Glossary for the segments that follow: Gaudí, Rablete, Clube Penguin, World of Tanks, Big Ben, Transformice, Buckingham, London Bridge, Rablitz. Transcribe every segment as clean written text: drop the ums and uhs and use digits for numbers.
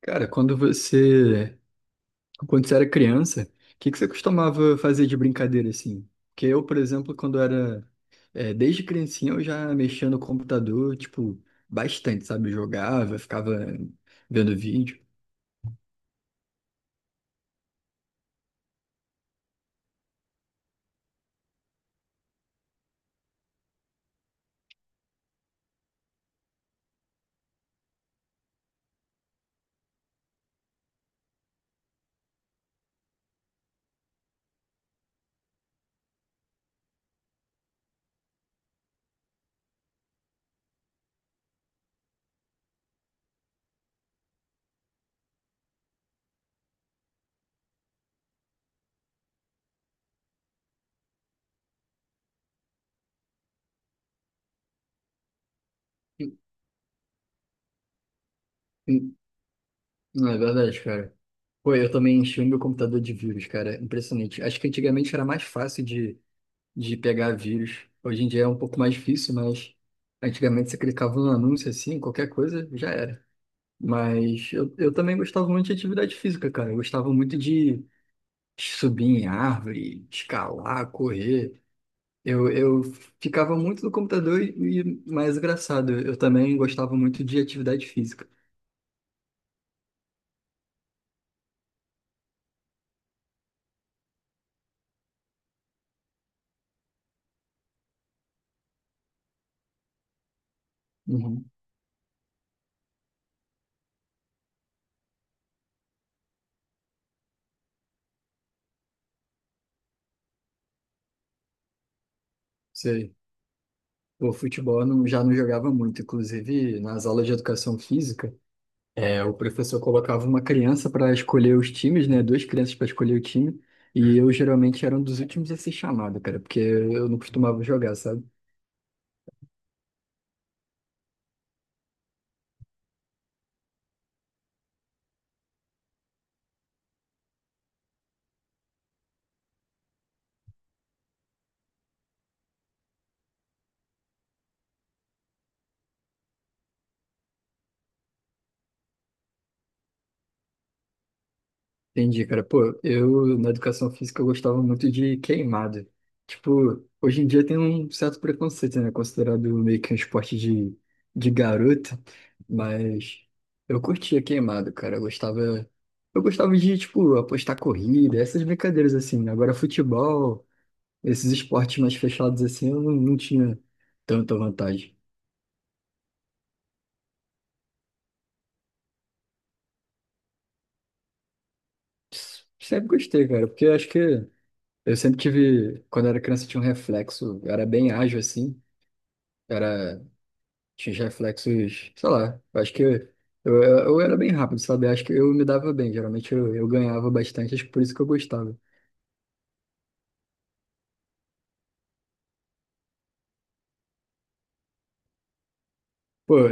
Cara, quando você era criança, o que que você costumava fazer de brincadeira assim? Porque eu, por exemplo, quando era, desde criancinha eu já mexia no computador, tipo, bastante, sabe? Eu jogava, ficava vendo vídeo. Hum, Não é verdade, cara. Pô, eu também enchi o meu computador de vírus, cara. Impressionante. Acho que antigamente era mais fácil de pegar vírus. Hoje em dia é um pouco mais difícil, mas antigamente você clicava num anúncio assim, qualquer coisa, já era. Mas eu também gostava muito de atividade física, cara. Eu gostava muito de subir em árvore, escalar, correr. Eu ficava muito no computador e mais engraçado, eu também gostava muito de atividade física. Uhum, sei. O futebol eu não, já não jogava muito. Inclusive, nas aulas de educação física, o professor colocava uma criança para escolher os times, né? Duas crianças para escolher o time. E eu geralmente era um dos últimos a ser chamado, cara, porque eu não costumava jogar, sabe? Entendi, cara. Pô, eu na educação física eu gostava muito de queimado. Tipo, hoje em dia tem um certo preconceito, né? Considerado meio que um esporte de garota, mas eu curtia queimado, cara. Eu gostava de, tipo, apostar corrida, essas brincadeiras assim, né? Agora, futebol, esses esportes mais fechados assim, eu não, não tinha tanta vantagem. S- Sempre gostei, cara, porque eu acho que eu sempre tive, quando eu era criança, eu tinha um reflexo, eu era bem ágil assim. Era Tinha os reflexos, sei lá, eu acho que eu era bem rápido, sabe? Eu acho que eu me dava bem, geralmente eu ganhava bastante, acho que por isso que eu gostava. Pô,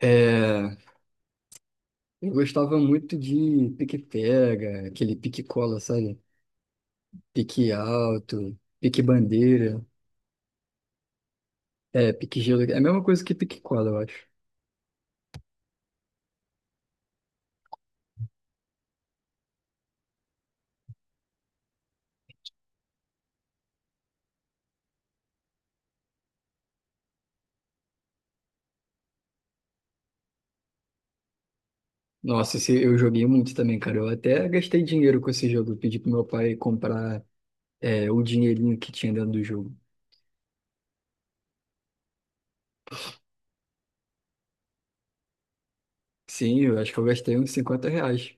é, eu gostava muito de pique-pega, aquele pique-cola, sabe? Pique alto, pique-bandeira, pique-gelo, é a mesma coisa que pique-cola, eu acho. Nossa, esse, eu joguei muito também, cara, eu até gastei dinheiro com esse jogo, eu pedi pro meu pai comprar o dinheirinho que tinha dentro do jogo. Sim, eu acho que eu gastei uns 50 reais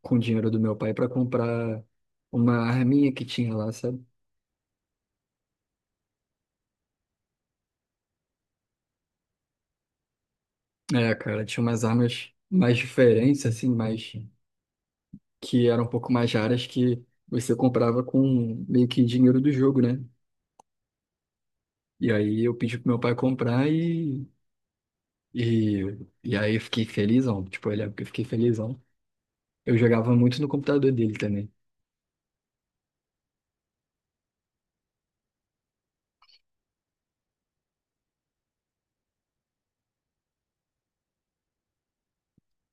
com o dinheiro do meu pai pra comprar uma arminha que tinha lá, sabe? É, cara, tinha umas armas mais diferentes, assim, mais que eram um pouco mais raras que você comprava com meio que dinheiro do jogo, né? E aí eu pedi pro meu pai comprar e, e aí eu fiquei felizão. Tipo, eu lembro que eu fiquei felizão. Eu jogava muito no computador dele também.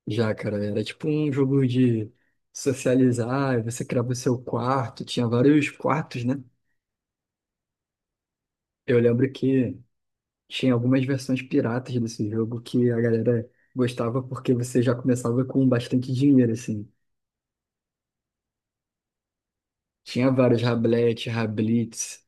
Já, cara, era tipo um jogo de socializar, você criava o seu quarto, tinha vários quartos, né? Eu lembro que tinha algumas versões piratas desse jogo que a galera gostava porque você já começava com bastante dinheiro, assim. Tinha vários Rablete, Rablitz,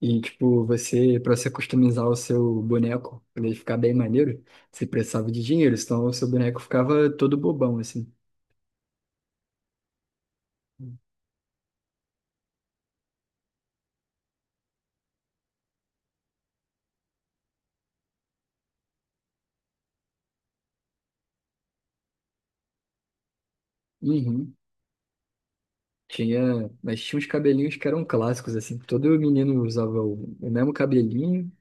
e tipo, você, para você customizar o seu boneco, pra ele ficar bem maneiro, você precisava de dinheiro, senão o seu boneco ficava todo bobão, assim. Uhum. Tinha, mas tinha uns cabelinhos que eram clássicos, assim. Todo menino usava o mesmo cabelinho,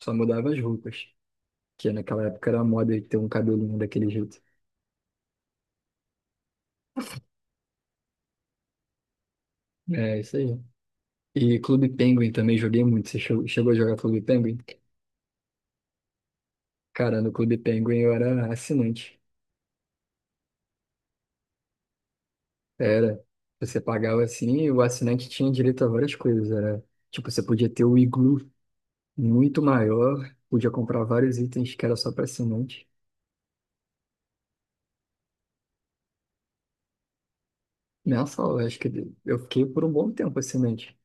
só mudava as roupas. Que naquela época era moda ter um cabelinho daquele jeito. É, isso aí. E Clube Penguin também joguei muito. Você chegou a jogar Clube Penguin? Cara, no Clube Penguin eu era assinante. Era. Você pagava assim e o assinante tinha direito a várias coisas. Era, tipo, você podia ter o iglu muito maior, podia comprar vários itens que era só para assinante. Nessa aula, acho que eu fiquei por um bom tempo assinante.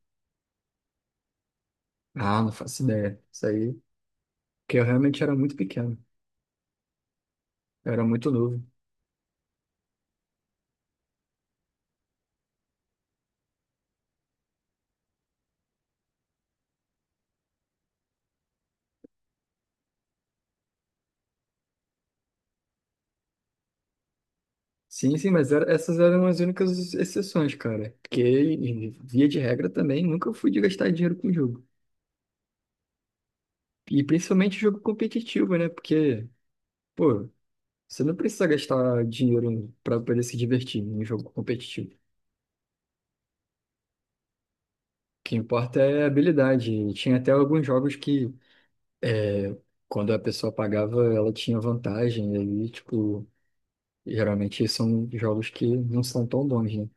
Ah, não faço ideia. Isso aí. Porque eu realmente era muito pequeno. Eu era muito novo. Sim, sim, mas era, essas eram as únicas exceções, cara. Porque, e- via de regra, também nunca fui de gastar dinheiro com jogo. E principalmente jogo competitivo, né? Porque, pô, você não precisa gastar dinheiro pra poder se divertir em um jogo competitivo. O que importa é a habilidade. E tinha até alguns jogos que, é, quando a pessoa pagava, ela tinha vantagem. E aí, tipo, geralmente são jogos que não são tão bons, né?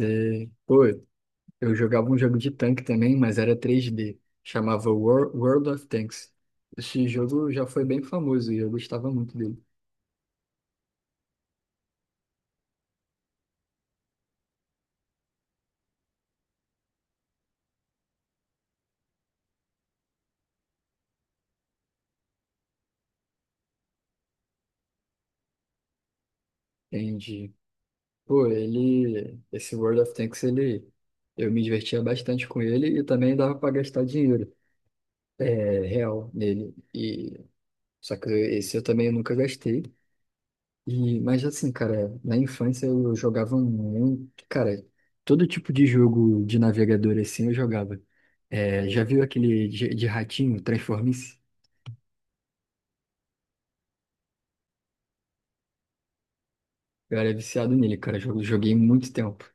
É, Pô, Eu jogava um jogo de tanque também, mas era 3D. Chamava Wor- World of Tanks. Esse jogo já foi bem famoso e eu gostava muito dele. Entendi. Pô, ele. Esse World of Tanks, ele. Eu me divertia bastante com ele e também dava pra gastar dinheiro. É, real nele. E... só que esse eu também nunca gastei. E, mas assim, cara, na infância eu jogava muito, cara, todo tipo de jogo de navegador assim eu jogava. É, já viu aquele de ratinho, Transformice? Eu era viciado nele, cara, jogo joguei muito tempo.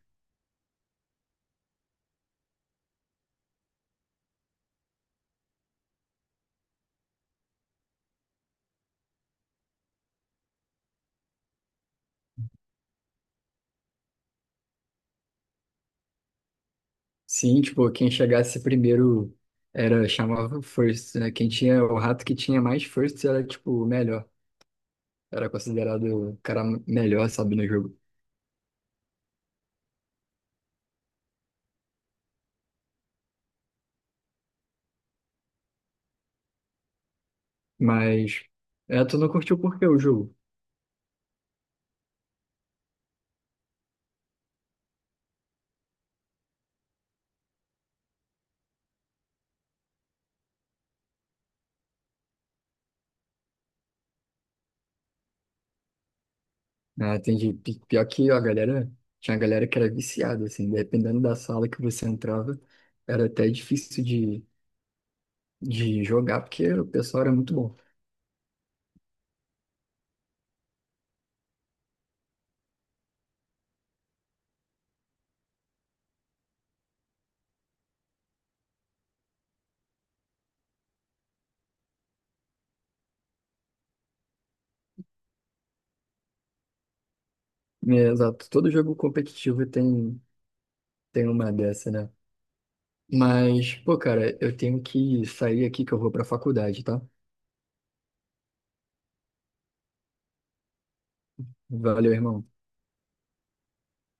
Sim, tipo, quem chegasse primeiro era, chamava o first, né? Quem tinha, o rato que tinha mais first era, tipo, o melhor. Era considerado o cara melhor, sabe, no jogo. Mas, tu não curtiu por quê o jogo? Ah, entendi. Pi- Pior que ó, a galera, tinha a galera que era viciada, assim, dependendo da sala que você entrava, era até difícil de jogar, porque o pessoal era muito bom. É, exato, todo jogo competitivo tem, tem uma dessa, né? Mas, pô, cara, eu tenho que sair aqui que eu vou pra faculdade, tá? Valeu, irmão.